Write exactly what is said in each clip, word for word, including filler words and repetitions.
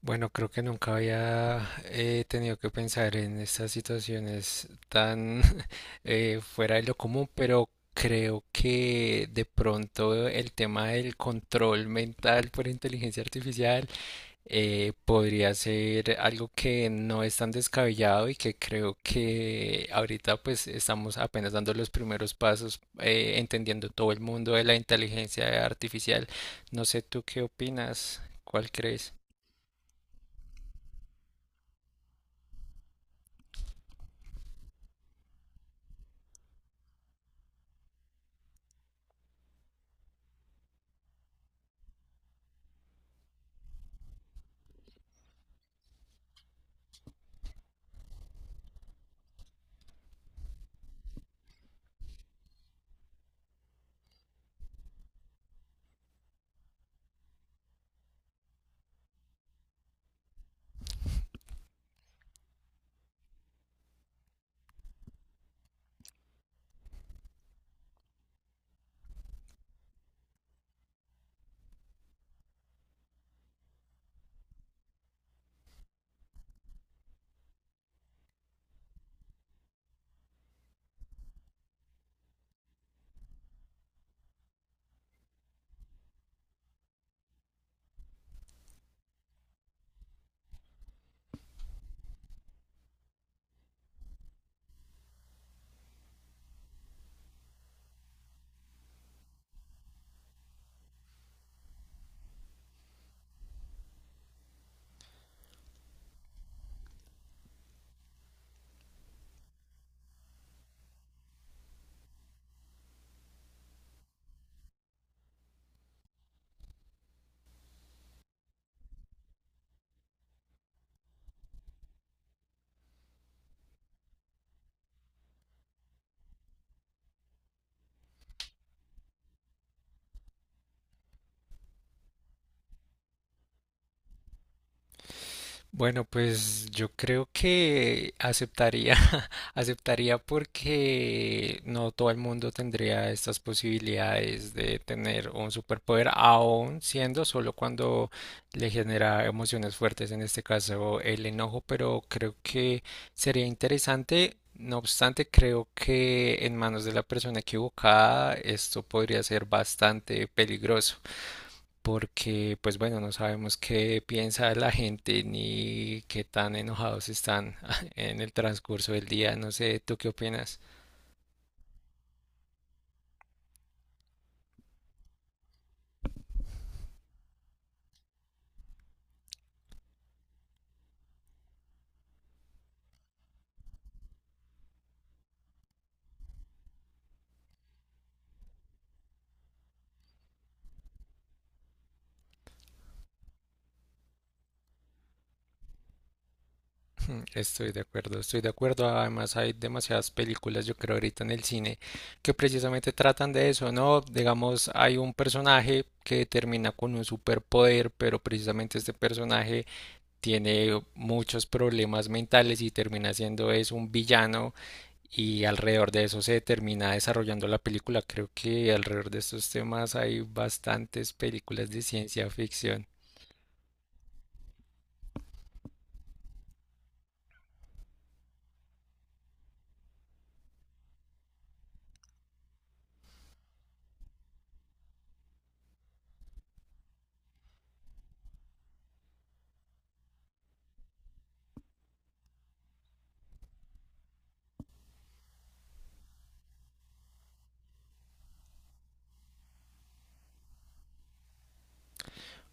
Bueno, creo que nunca había eh, tenido que pensar en estas situaciones tan eh, fuera de lo común, pero creo que de pronto el tema del control mental por inteligencia artificial eh, podría ser algo que no es tan descabellado y que creo que ahorita pues estamos apenas dando los primeros pasos, eh, entendiendo todo el mundo de la inteligencia artificial. No sé tú qué opinas, ¿cuál crees? Bueno, pues yo creo que aceptaría, aceptaría porque no todo el mundo tendría estas posibilidades de tener un superpoder, aún siendo solo cuando le genera emociones fuertes, en este caso el enojo, pero creo que sería interesante. No obstante, creo que en manos de la persona equivocada esto podría ser bastante peligroso porque pues bueno, no sabemos qué piensa la gente ni qué tan enojados están en el transcurso del día. No sé, ¿tú qué opinas? Estoy de acuerdo, estoy de acuerdo. Además hay demasiadas películas, yo creo, ahorita en el cine que precisamente tratan de eso, ¿no? Digamos, hay un personaje que termina con un superpoder, pero precisamente este personaje tiene muchos problemas mentales y termina siendo es un villano y alrededor de eso se termina desarrollando la película. Creo que alrededor de estos temas hay bastantes películas de ciencia ficción.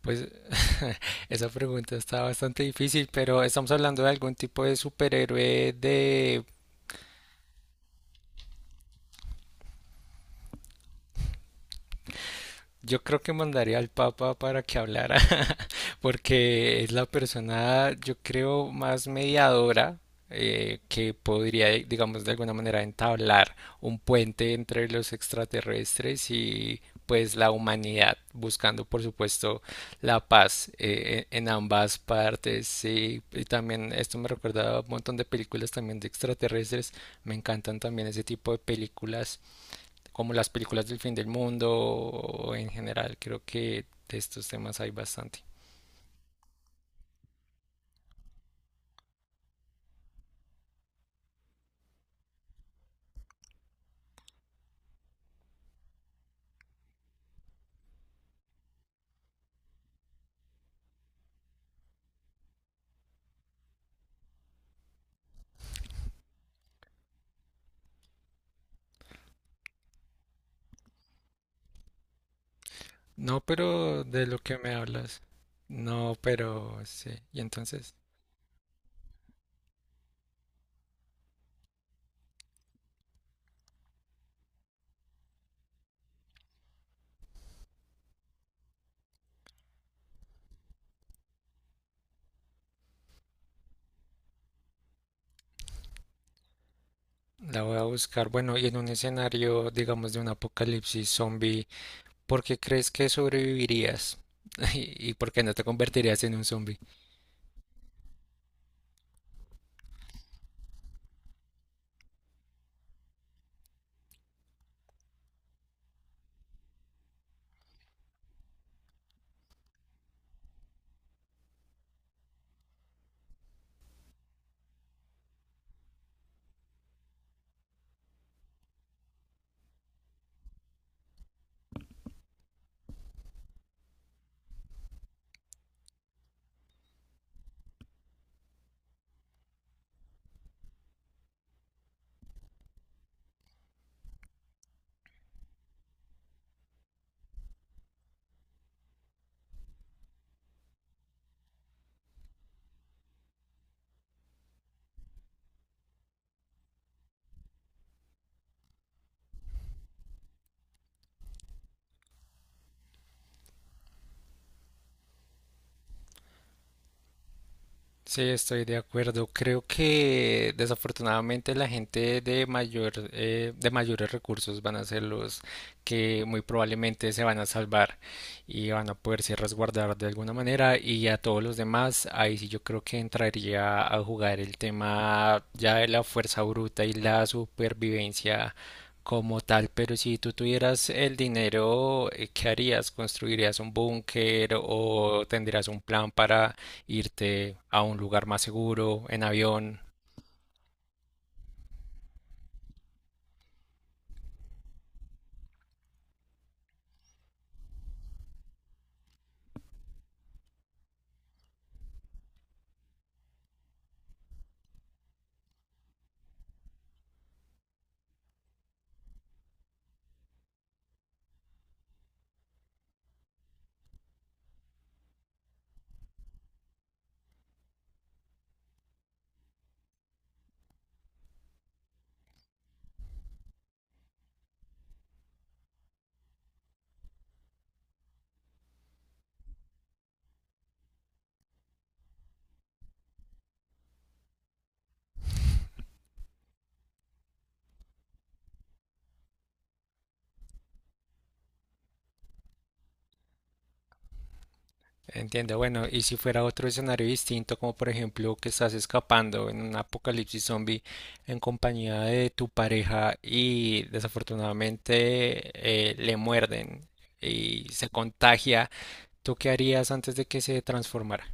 Pues esa pregunta está bastante difícil, pero estamos hablando de algún tipo de superhéroe de. Yo creo que mandaría al Papa para que hablara, porque es la persona, yo creo, más mediadora eh, que podría, eh, digamos, de alguna manera entablar un puente entre los extraterrestres y pues la humanidad, buscando, por supuesto, la paz eh, en en ambas partes. Y, y también esto me recuerda a un montón de películas también de extraterrestres. Me encantan también ese tipo de películas como las películas del fin del mundo o en general. Creo que de estos temas hay bastante. No, pero de lo que me hablas. No, pero sí. Y entonces la voy a buscar. Bueno, y en un escenario, digamos, de un apocalipsis zombie, ¿por qué crees que sobrevivirías? ¿Y y por qué no te convertirías en un zombie? Sí, estoy de acuerdo. Creo que desafortunadamente la gente de mayor, eh, de mayores recursos van a ser los que muy probablemente se van a salvar y van a poderse resguardar de alguna manera. Y a todos los demás, ahí sí yo creo que entraría a jugar el tema ya de la fuerza bruta y la supervivencia como tal. Pero si tú tuvieras el dinero, eh, ¿qué harías? ¿Construirías un búnker o tendrías un plan para irte a un lugar más seguro, en avión? Entiendo, bueno, y si fuera otro escenario distinto, como por ejemplo que estás escapando en un apocalipsis zombie en compañía de tu pareja y desafortunadamente eh, le muerden y se contagia, ¿tú qué harías antes de que se transformara?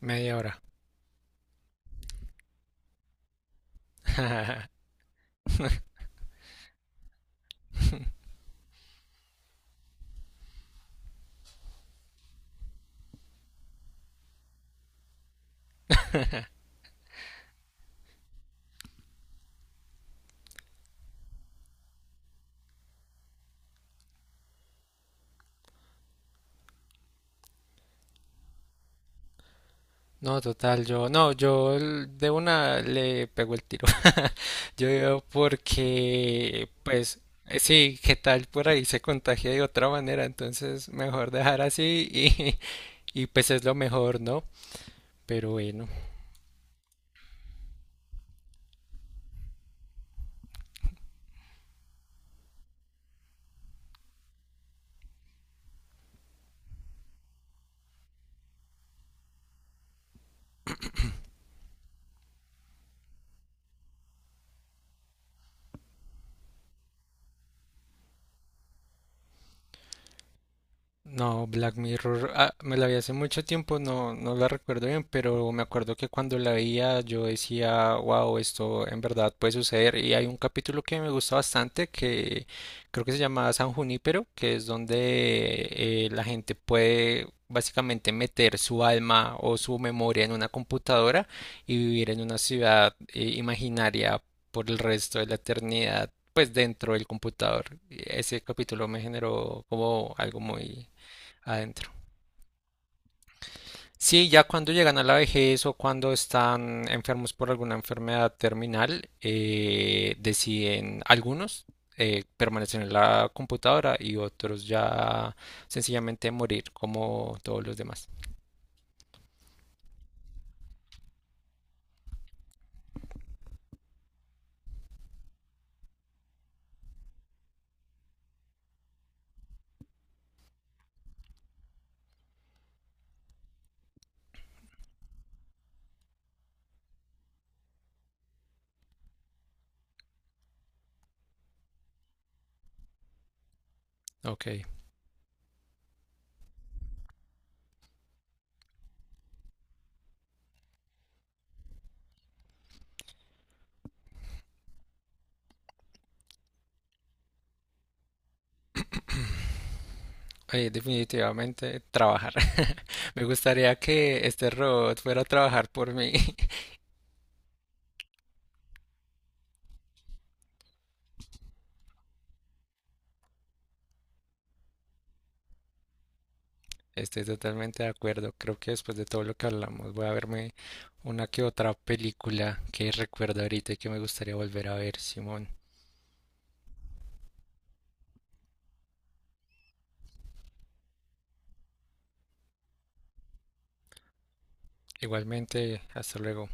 Media hora. No, total, yo, no, yo el- de una le pego el tiro. Yo digo porque, pues, eh, sí, qué tal por ahí se contagia de otra manera, entonces mejor dejar así y, y pues es lo mejor, ¿no? Pero bueno. No, Black Mirror, ah, me la vi hace mucho tiempo, no, no la recuerdo bien, pero me acuerdo que cuando la veía yo decía, wow, esto en verdad puede suceder. Y hay un capítulo que me gusta bastante que creo que se llama San Junípero, que es donde eh, la gente puede básicamente meter su alma o su memoria en una computadora y vivir en una ciudad eh, imaginaria por el resto de la eternidad, pues dentro del computador. Y ese capítulo me generó como algo muy, adentro. Sí, ya cuando llegan a la vejez o cuando están enfermos por alguna enfermedad terminal, eh, deciden, algunos eh, permanecen en la computadora y otros ya sencillamente morir como todos los demás. Ok. Eh, definitivamente trabajar. Me gustaría que este robot fuera a trabajar por mí. Estoy totalmente de acuerdo. Creo que después de todo lo que hablamos voy a verme una que otra película que recuerdo ahorita y que me gustaría volver a ver, Simón. Igualmente, hasta luego.